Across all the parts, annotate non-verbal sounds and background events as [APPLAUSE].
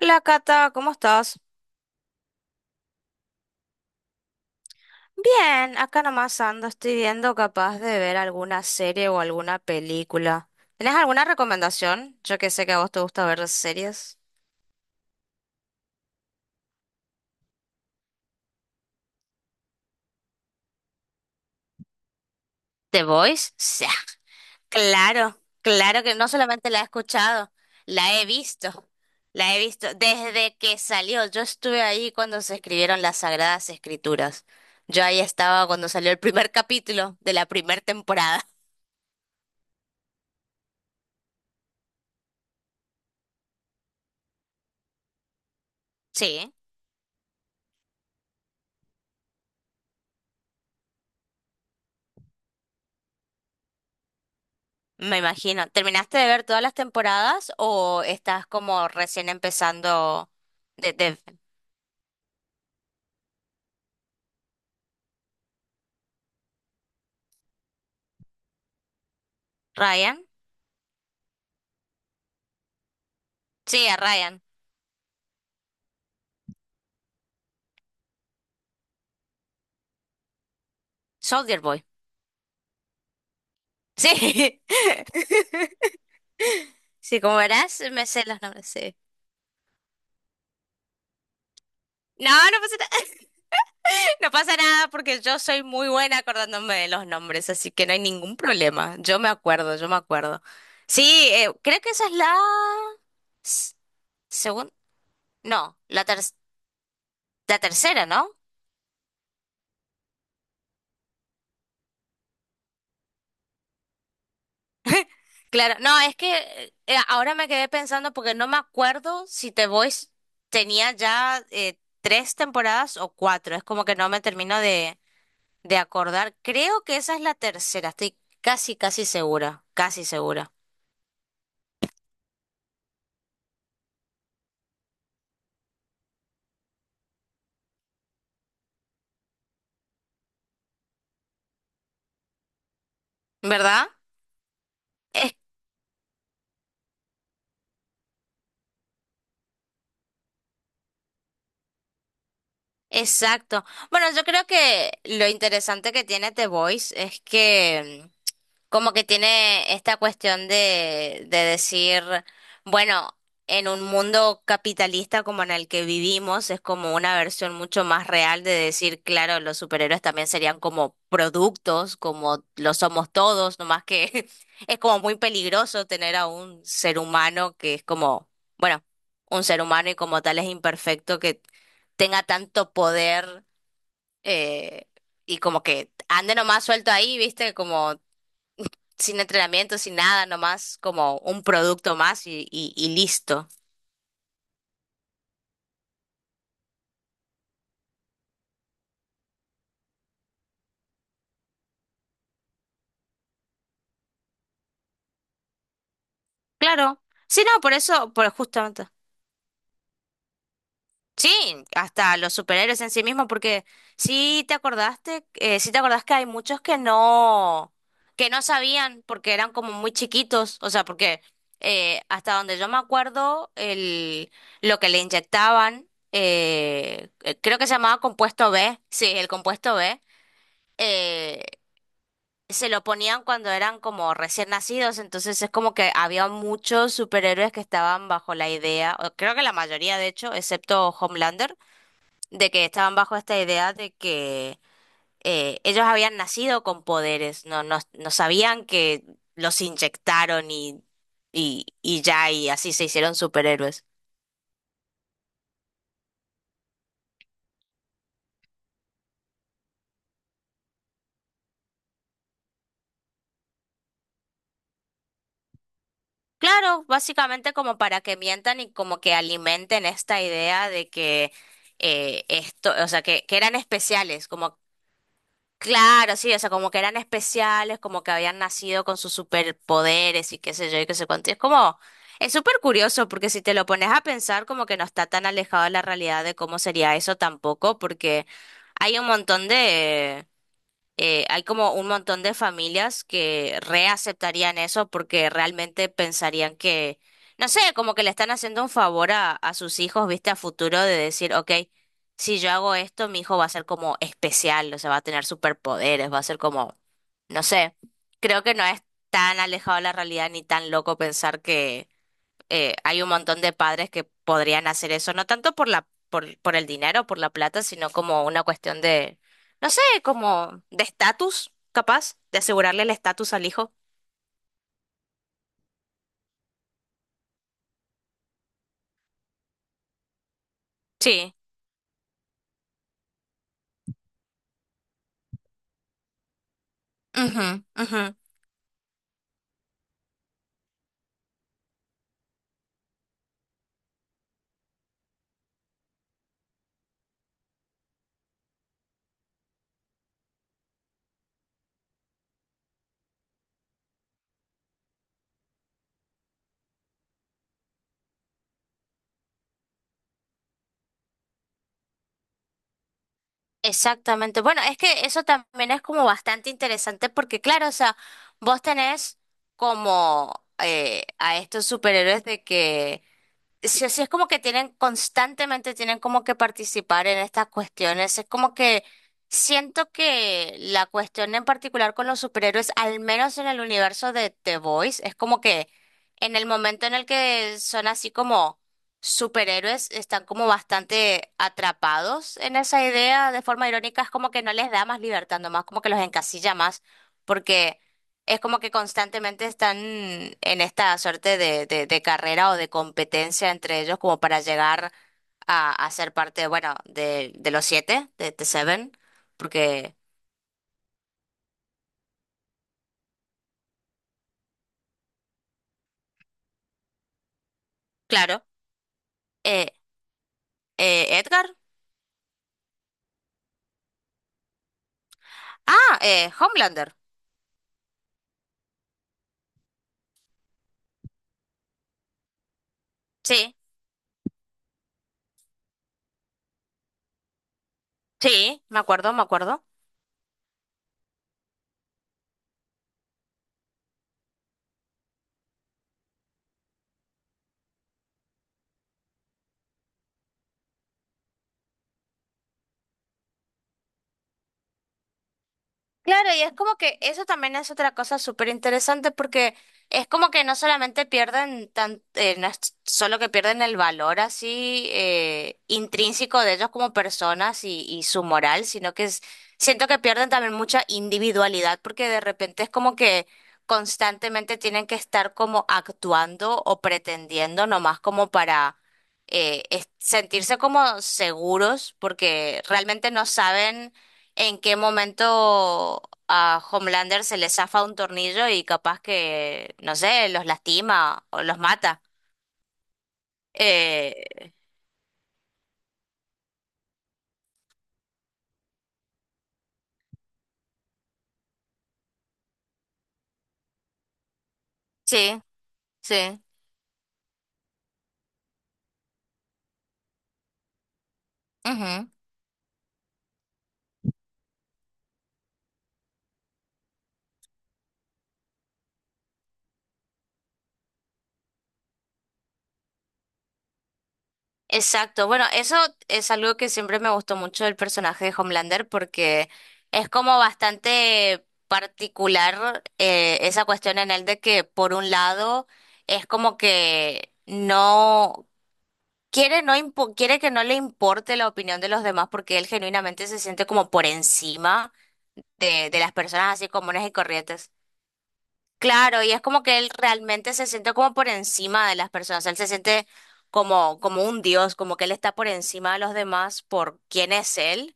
Hola Cata, ¿cómo estás? Bien, acá nomás ando, estoy viendo capaz de ver alguna serie o alguna película. ¿Tenés alguna recomendación? Yo que sé que a vos te gusta ver series. ¿The Voice? Sí, claro, claro que no solamente la he escuchado, la he visto, la he visto desde que salió. Yo estuve ahí cuando se escribieron las Sagradas Escrituras. Yo ahí estaba cuando salió el primer capítulo de la primera temporada. Sí. Me imagino. ¿Terminaste de ver todas las temporadas o estás como recién empezando de Ryan? Sí, a Ryan. Soldier Boy. Sí, [LAUGHS] sí, como verás, me sé los nombres, sí. No, no pasa nada. [LAUGHS] No pasa nada porque yo soy muy buena acordándome de los nombres, así que no hay ningún problema. Yo me acuerdo, yo me acuerdo. Sí, creo que esa es la s- segun- no, la la tercera, ¿no? Claro, no, es que ahora me quedé pensando porque no me acuerdo si The Voice tenía ya tres temporadas o cuatro, es como que no me termino de acordar. Creo que esa es la tercera, estoy casi, casi segura, ¿verdad? Es- exacto. Bueno, yo creo que lo interesante que tiene The Voice es que... Como que tiene esta cuestión de decir, bueno, en un mundo capitalista como en el que vivimos, es como una versión mucho más real de decir, claro, los superhéroes también serían como productos, como lo somos todos, nomás que [LAUGHS] es como muy peligroso tener a un ser humano que es como, bueno, un ser humano y como tal es imperfecto, que tenga tanto poder eh, y como que ande nomás suelto ahí, ¿viste? Como sin entrenamiento, sin nada, nomás como un producto más y listo. Claro. Sí, no, por eso, por justamente. Sí, hasta los superhéroes en sí mismos, porque sí te acordaste, sí te acordás que hay muchos que no sabían porque eran como muy chiquitos, o sea, porque hasta donde yo me acuerdo, el, lo que le inyectaban, creo que se llamaba compuesto B, sí, el compuesto B, eh, se lo ponían cuando eran como recién nacidos, entonces es como que había muchos superhéroes que estaban bajo la idea, o creo que la mayoría de hecho, excepto Homelander, de que estaban bajo esta idea de que ellos habían nacido con poderes, no, no, no sabían que los inyectaron y ya, y así se hicieron superhéroes. Claro, básicamente como para que mientan y como que alimenten esta idea de que esto, o sea, que eran especiales, como. Claro, sí, o sea, como que eran especiales, como que habían nacido con sus superpoderes y qué sé yo y qué sé cuánto. Y es como, es súper curioso porque si te lo pones a pensar, como que no está tan alejado de la realidad de cómo sería eso tampoco, porque hay un montón de hay como un montón de familias que reaceptarían eso porque realmente pensarían que, no sé, como que le están haciendo un favor a sus hijos, viste, a futuro de decir, ok, si yo hago esto, mi hijo va a ser como especial, o sea, va a tener superpoderes, va a ser como, no sé, creo que no es tan alejado de la realidad ni tan loco pensar que hay un montón de padres que podrían hacer eso, no tanto por la, por el dinero, por la plata, sino como una cuestión de, no sé, como de estatus, capaz, de asegurarle el estatus al hijo. Sí. Ujú, ujú. Exactamente. Bueno, es que eso también es como bastante interesante porque, claro, o sea, vos tenés como a estos superhéroes de que sí, sí, es como que tienen constantemente, tienen como que participar en estas cuestiones. Es como que siento que la cuestión en particular con los superhéroes, al menos en el universo de The Boys, es como que en el momento en el que son así como superhéroes, están como bastante atrapados en esa idea de forma irónica. Es como que no les da más libertad, nomás como que los encasilla más, porque es como que constantemente están en esta suerte de carrera o de competencia entre ellos como para llegar a ser parte, bueno, de los siete, de The Seven, porque, claro, eh, Edgar. Ah, Homelander. Sí, sí, me acuerdo, me acuerdo. Claro, y es como que eso también es otra cosa súper interesante porque es como que no solamente pierden tan, no es solo que pierden el valor así intrínseco de ellos como personas y su moral, sino que siento que pierden también mucha individualidad porque de repente es como que constantemente tienen que estar como actuando o pretendiendo nomás como para sentirse como seguros porque realmente no saben en qué momento a Homelander se le zafa un tornillo y capaz que, no sé, los lastima o los mata. Eh, sí, sí. Ujú. Exacto. Bueno, eso es algo que siempre me gustó mucho del personaje de Homelander porque es como bastante particular esa cuestión en él de que por un lado es como que no quiere, no quiere que no le importe la opinión de los demás porque él genuinamente se siente como por encima de las personas así comunes y corrientes. Claro, y es como que él realmente se siente como por encima de las personas. Él se siente como, como un dios, como que él está por encima de los demás por quién es él.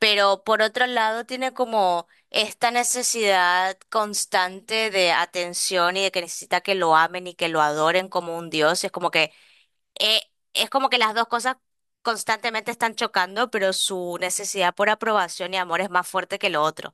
Pero por otro lado tiene como esta necesidad constante de atención y de que necesita que lo amen y que lo adoren como un dios. Eh, es como que las dos cosas constantemente están chocando, pero su necesidad por aprobación y amor es más fuerte que lo otro.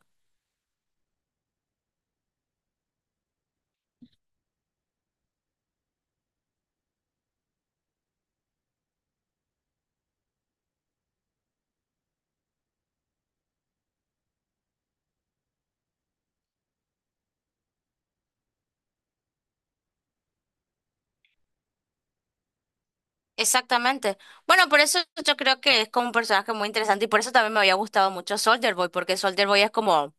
Exactamente. Bueno, por eso yo creo que es como un personaje muy interesante y por eso también me había gustado mucho Soldier Boy, porque Soldier Boy es como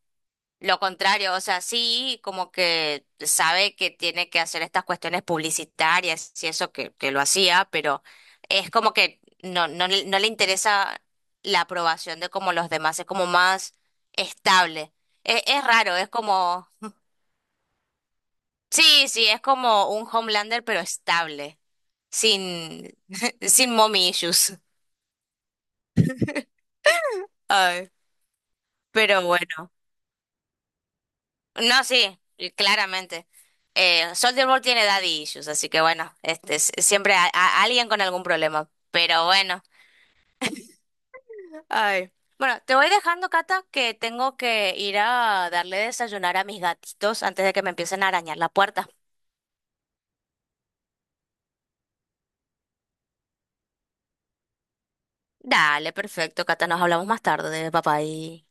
lo contrario, o sea, sí, como que sabe que tiene que hacer estas cuestiones publicitarias y eso que lo hacía, pero es como que no, no, no le interesa la aprobación de como los demás, es como más estable. Es raro, es como, sí, sí, es como un Homelander, pero estable, sin, [LAUGHS] sin mommy issues. Ay, pero bueno. No, sí, claramente. Soldier Boy tiene daddy issues, así que bueno, este, siempre a, alguien con algún problema. Pero bueno. Ay. Bueno, te voy dejando, Cata, que tengo que ir a darle desayunar a mis gatitos antes de que me empiecen a arañar la puerta. Dale, perfecto, Cata, nos hablamos más tarde, papá y...